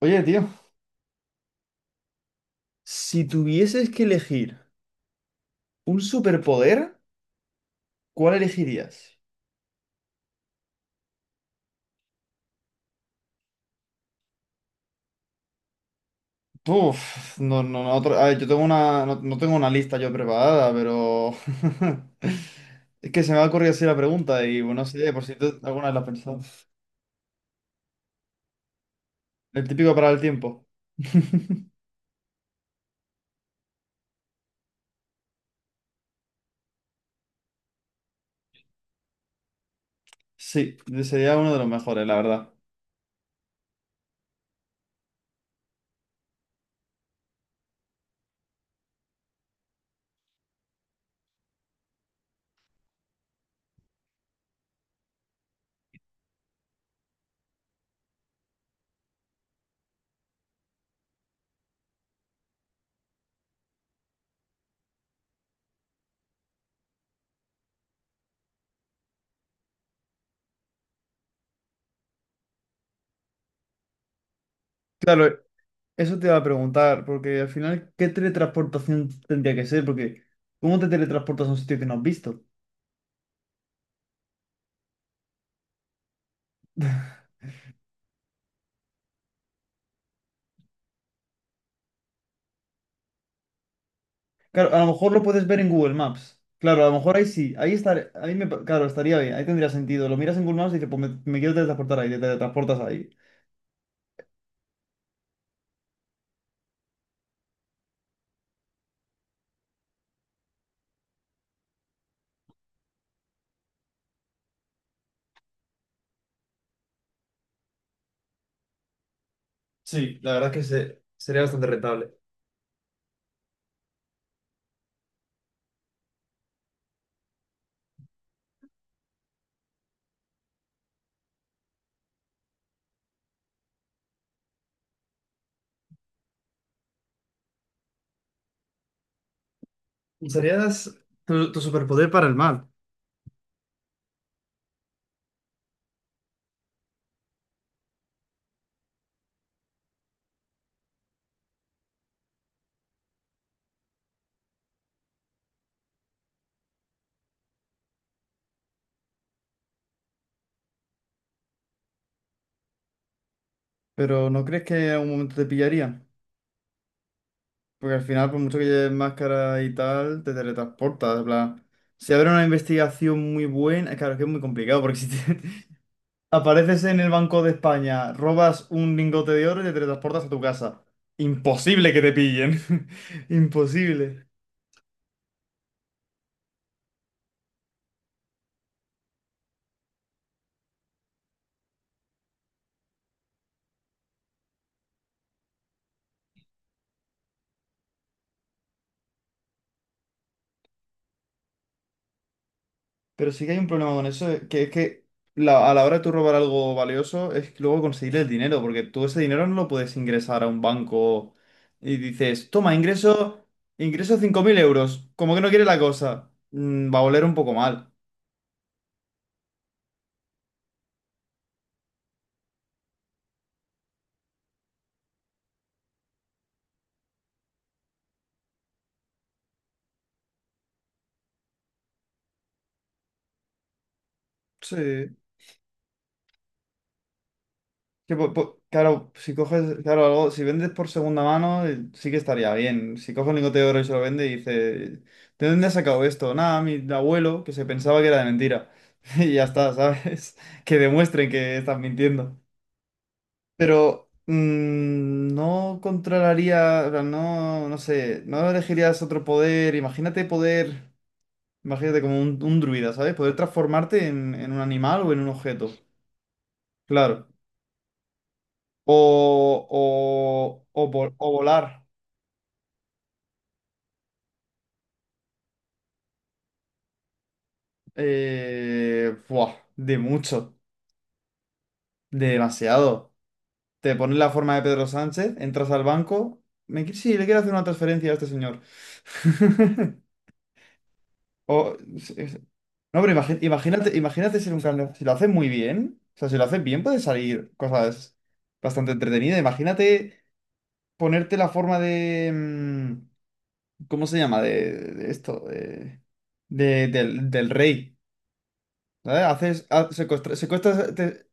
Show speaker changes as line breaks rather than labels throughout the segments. Oye, tío, si tuvieses que elegir un superpoder, ¿cuál elegirías? Uf, no, no, no, otro- a ver, yo tengo una, no tengo una lista yo preparada, pero es que se me ha ocurrido así la pregunta y bueno, no sé, por si tú alguna vez la has pensado. El típico para el tiempo. Sí, sería uno de los mejores, la verdad. Claro, eso te iba a preguntar, porque al final, ¿qué teletransportación tendría que ser? Porque ¿cómo te teletransportas a un sitio que no has visto? Claro, a lo mejor lo puedes ver en Google Maps. Claro, a lo mejor ahí sí, ahí estar, claro, estaría bien, ahí tendría sentido. Lo miras en Google Maps y dices, pues me quiero teletransportar ahí, te teletransportas ahí. Sí, la verdad es que sería bastante rentable. Usarías tu superpoder para el mal. Pero ¿no crees que en algún momento te pillaría? Porque al final, por mucho que lleves máscara y tal, te teletransportas, en plan, si habrá una investigación muy buena, claro, es que es muy complicado, porque si te, apareces en el Banco de España, robas un lingote de oro y te teletransportas a tu casa. Imposible que te pillen. Imposible. Pero sí que hay un problema con eso, que es que a la hora de tú robar algo valioso es luego conseguir el dinero, porque tú ese dinero no lo puedes ingresar a un banco y dices, toma, ingreso, ingreso 5.000 euros, como que no quiere la cosa. Va a oler un poco mal. Sí. Que, claro, si coges, claro, algo, si vendes por segunda mano, sí que estaría bien. Si coges un lingote de oro y se lo vende y dice ¿de dónde has sacado esto? Nada, mi abuelo, que se pensaba que era de mentira. Y ya está, ¿sabes? Que demuestren que estás mintiendo. Pero no controlaría, o sea, no, no sé, no elegirías otro poder. Imagínate como un druida, ¿sabes? Poder transformarte en un animal o en un objeto. Claro. O volar. Buah, de mucho, de demasiado. Te pones la forma de Pedro Sánchez, entras al banco. Sí, le quiero hacer una transferencia a este señor. O- es- es- no, pero imagínate, imagínate ser un cambio. Si lo haces muy bien, o sea, si lo haces bien, puede salir cosas bastante entretenidas. Imagínate ponerte la forma de, ¿cómo se llama? De esto, del, del rey. ¿Vale? Haces, secuestras,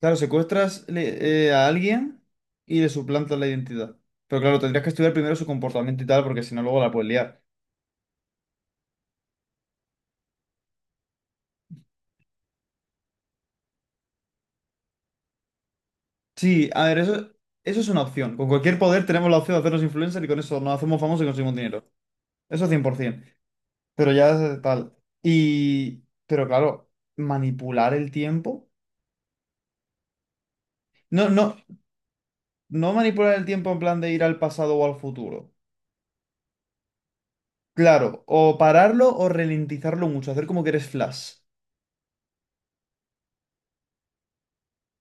claro, secuestras a alguien y le suplantas la identidad. Pero claro, tendrías que estudiar primero su comportamiento y tal, porque si no, luego la puedes liar. Sí, a ver, eso es una opción. Con cualquier poder tenemos la opción de hacernos influencer y con eso nos hacemos famosos y conseguimos dinero. Eso 100%. Pero ya tal. Pero claro, manipular el tiempo. No, no, no manipular el tiempo en plan de ir al pasado o al futuro. Claro, o pararlo o ralentizarlo mucho, hacer como que eres Flash.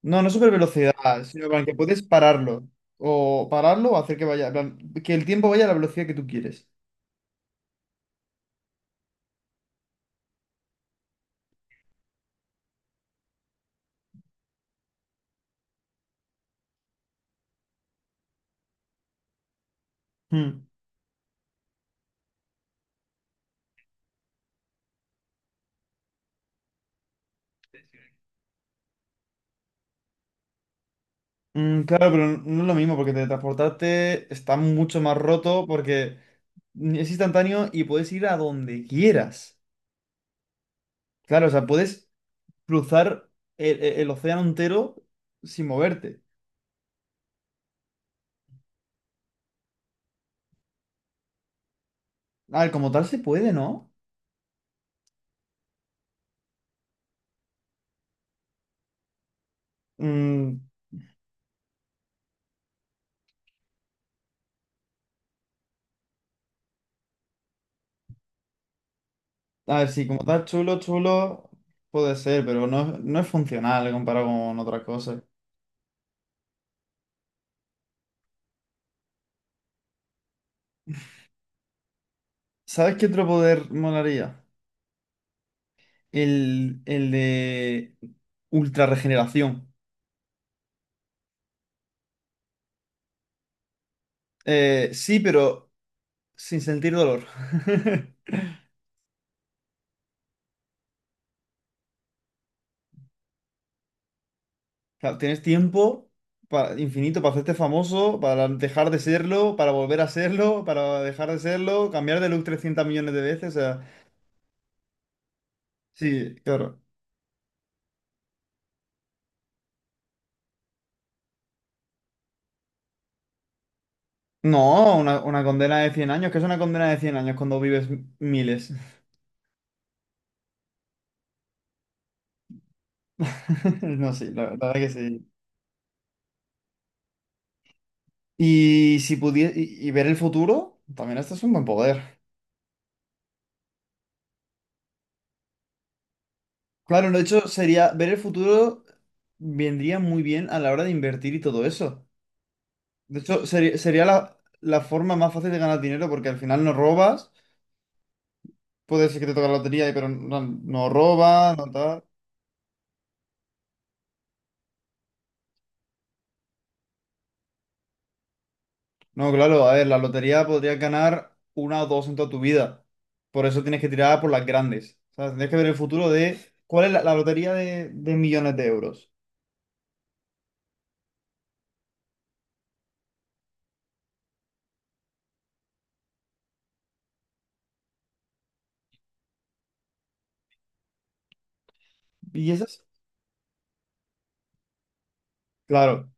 No, no super velocidad, sino en plan que puedes pararlo. O pararlo o hacer que vaya, en plan, que el tiempo vaya a la velocidad que tú quieres. Hmm. Claro, pero no es lo mismo porque teletransportarte está mucho más roto porque es instantáneo y puedes ir a donde quieras. Claro, o sea, puedes cruzar el océano entero sin moverte. A ver, como tal se puede, ¿no? Mm, a ver, sí, como tal, chulo, chulo, puede ser, pero no, no es funcional comparado con otras cosas. ¿Sabes qué otro poder molaría? El de ultra regeneración. Sí, pero sin sentir dolor. Claro, tienes tiempo para, infinito para hacerte famoso, para dejar de serlo, para volver a serlo, para dejar de serlo, cambiar de look 300 millones de veces. O sea, sí, claro. No, una condena de 100 años. ¿Qué es una condena de 100 años cuando vives miles? No, sí, la verdad es que sí. Y si pudiese y ver el futuro, también este es un buen poder. Claro, de hecho, sería ver el futuro, vendría muy bien a la hora de invertir y todo eso. De hecho, sería, sería la forma más fácil de ganar dinero porque al final no robas. Puede ser que te toque la lotería, pero no, no robas, no tal. No, claro, a ver, la lotería podrías ganar una o dos en toda tu vida. Por eso tienes que tirar por las grandes. O sea, tienes que ver el futuro de cuál es la lotería de millones de euros. Y esas, claro.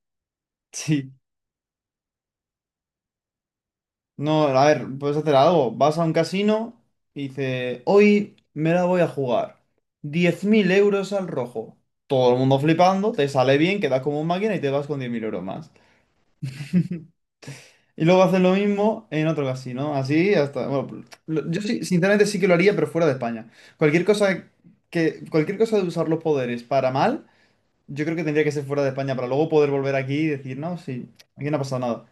Sí. No, a ver, puedes hacer algo. Vas a un casino y dices, hoy me la voy a jugar 10.000 euros al rojo. Todo el mundo flipando, te sale bien, quedas como un máquina y te vas con 10.000 euros más. Y luego haces lo mismo en otro casino, así hasta... Bueno, sinceramente sí que lo haría, pero fuera de España. Cualquier cosa cualquier cosa de usar los poderes para mal, yo creo que tendría que ser fuera de España para luego poder volver aquí y decir, no, sí, aquí no ha pasado nada.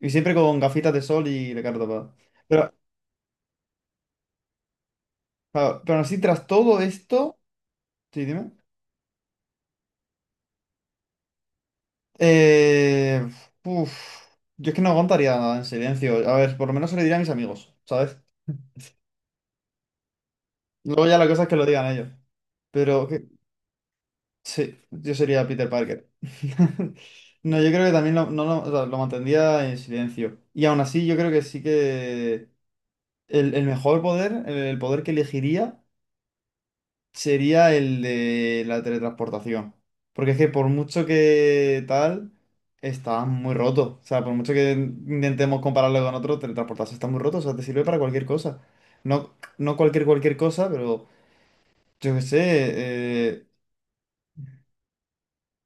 Y siempre con gafitas de sol y la cara tapada. Pero claro, pero aún así, tras todo esto, sí, dime. Eh, uf, yo es que no aguantaría nada en silencio. A ver, por lo menos se lo diría a mis amigos, ¿sabes? Luego ya la cosa es que lo digan ellos. Pero que, sí, yo sería Peter Parker. No, yo creo que también lo, no lo, o sea, lo mantendría en silencio. Y aún así, yo creo que sí que el mejor poder, el poder que elegiría sería el de la teletransportación. Porque es que por mucho que tal, está muy roto. O sea, por mucho que intentemos compararlo con otro, teletransportarse está muy roto. O sea, te sirve para cualquier cosa. No, cualquier cosa, pero yo qué sé, eh,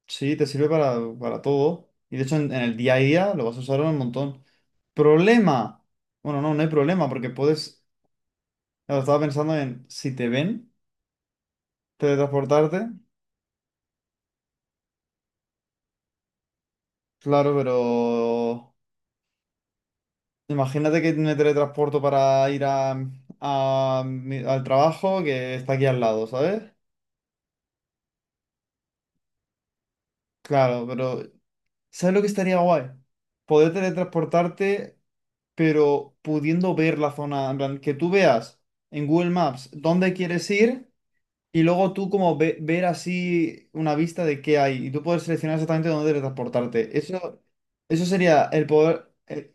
sí, te sirve para todo. Y de hecho en el día a día lo vas a usar un montón. Problema. Bueno, no, no hay problema porque puedes... Claro, estaba pensando en si te ven teletransportarte. Claro, pero... Imagínate que me teletransporto para ir a, al trabajo que está aquí al lado, ¿sabes? Claro, pero ¿sabes lo que estaría guay? Poder teletransportarte, pero pudiendo ver la zona, en plan, que tú veas en Google Maps dónde quieres ir y luego tú como ver así una vista de qué hay y tú puedes seleccionar exactamente dónde teletransportarte. Eso sería el poder...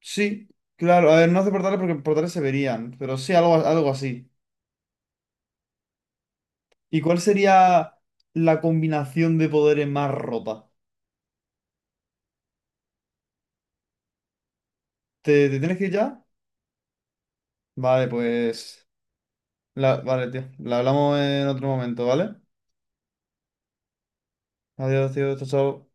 Sí, claro, a ver, no hace portales porque portales se verían, pero sí algo, algo así. ¿Y cuál sería la combinación de poderes más rota? Te tienes que ir ya? Vale, pues... vale, tío. La hablamos en otro momento, ¿vale? Adiós, tío. Chao, chao.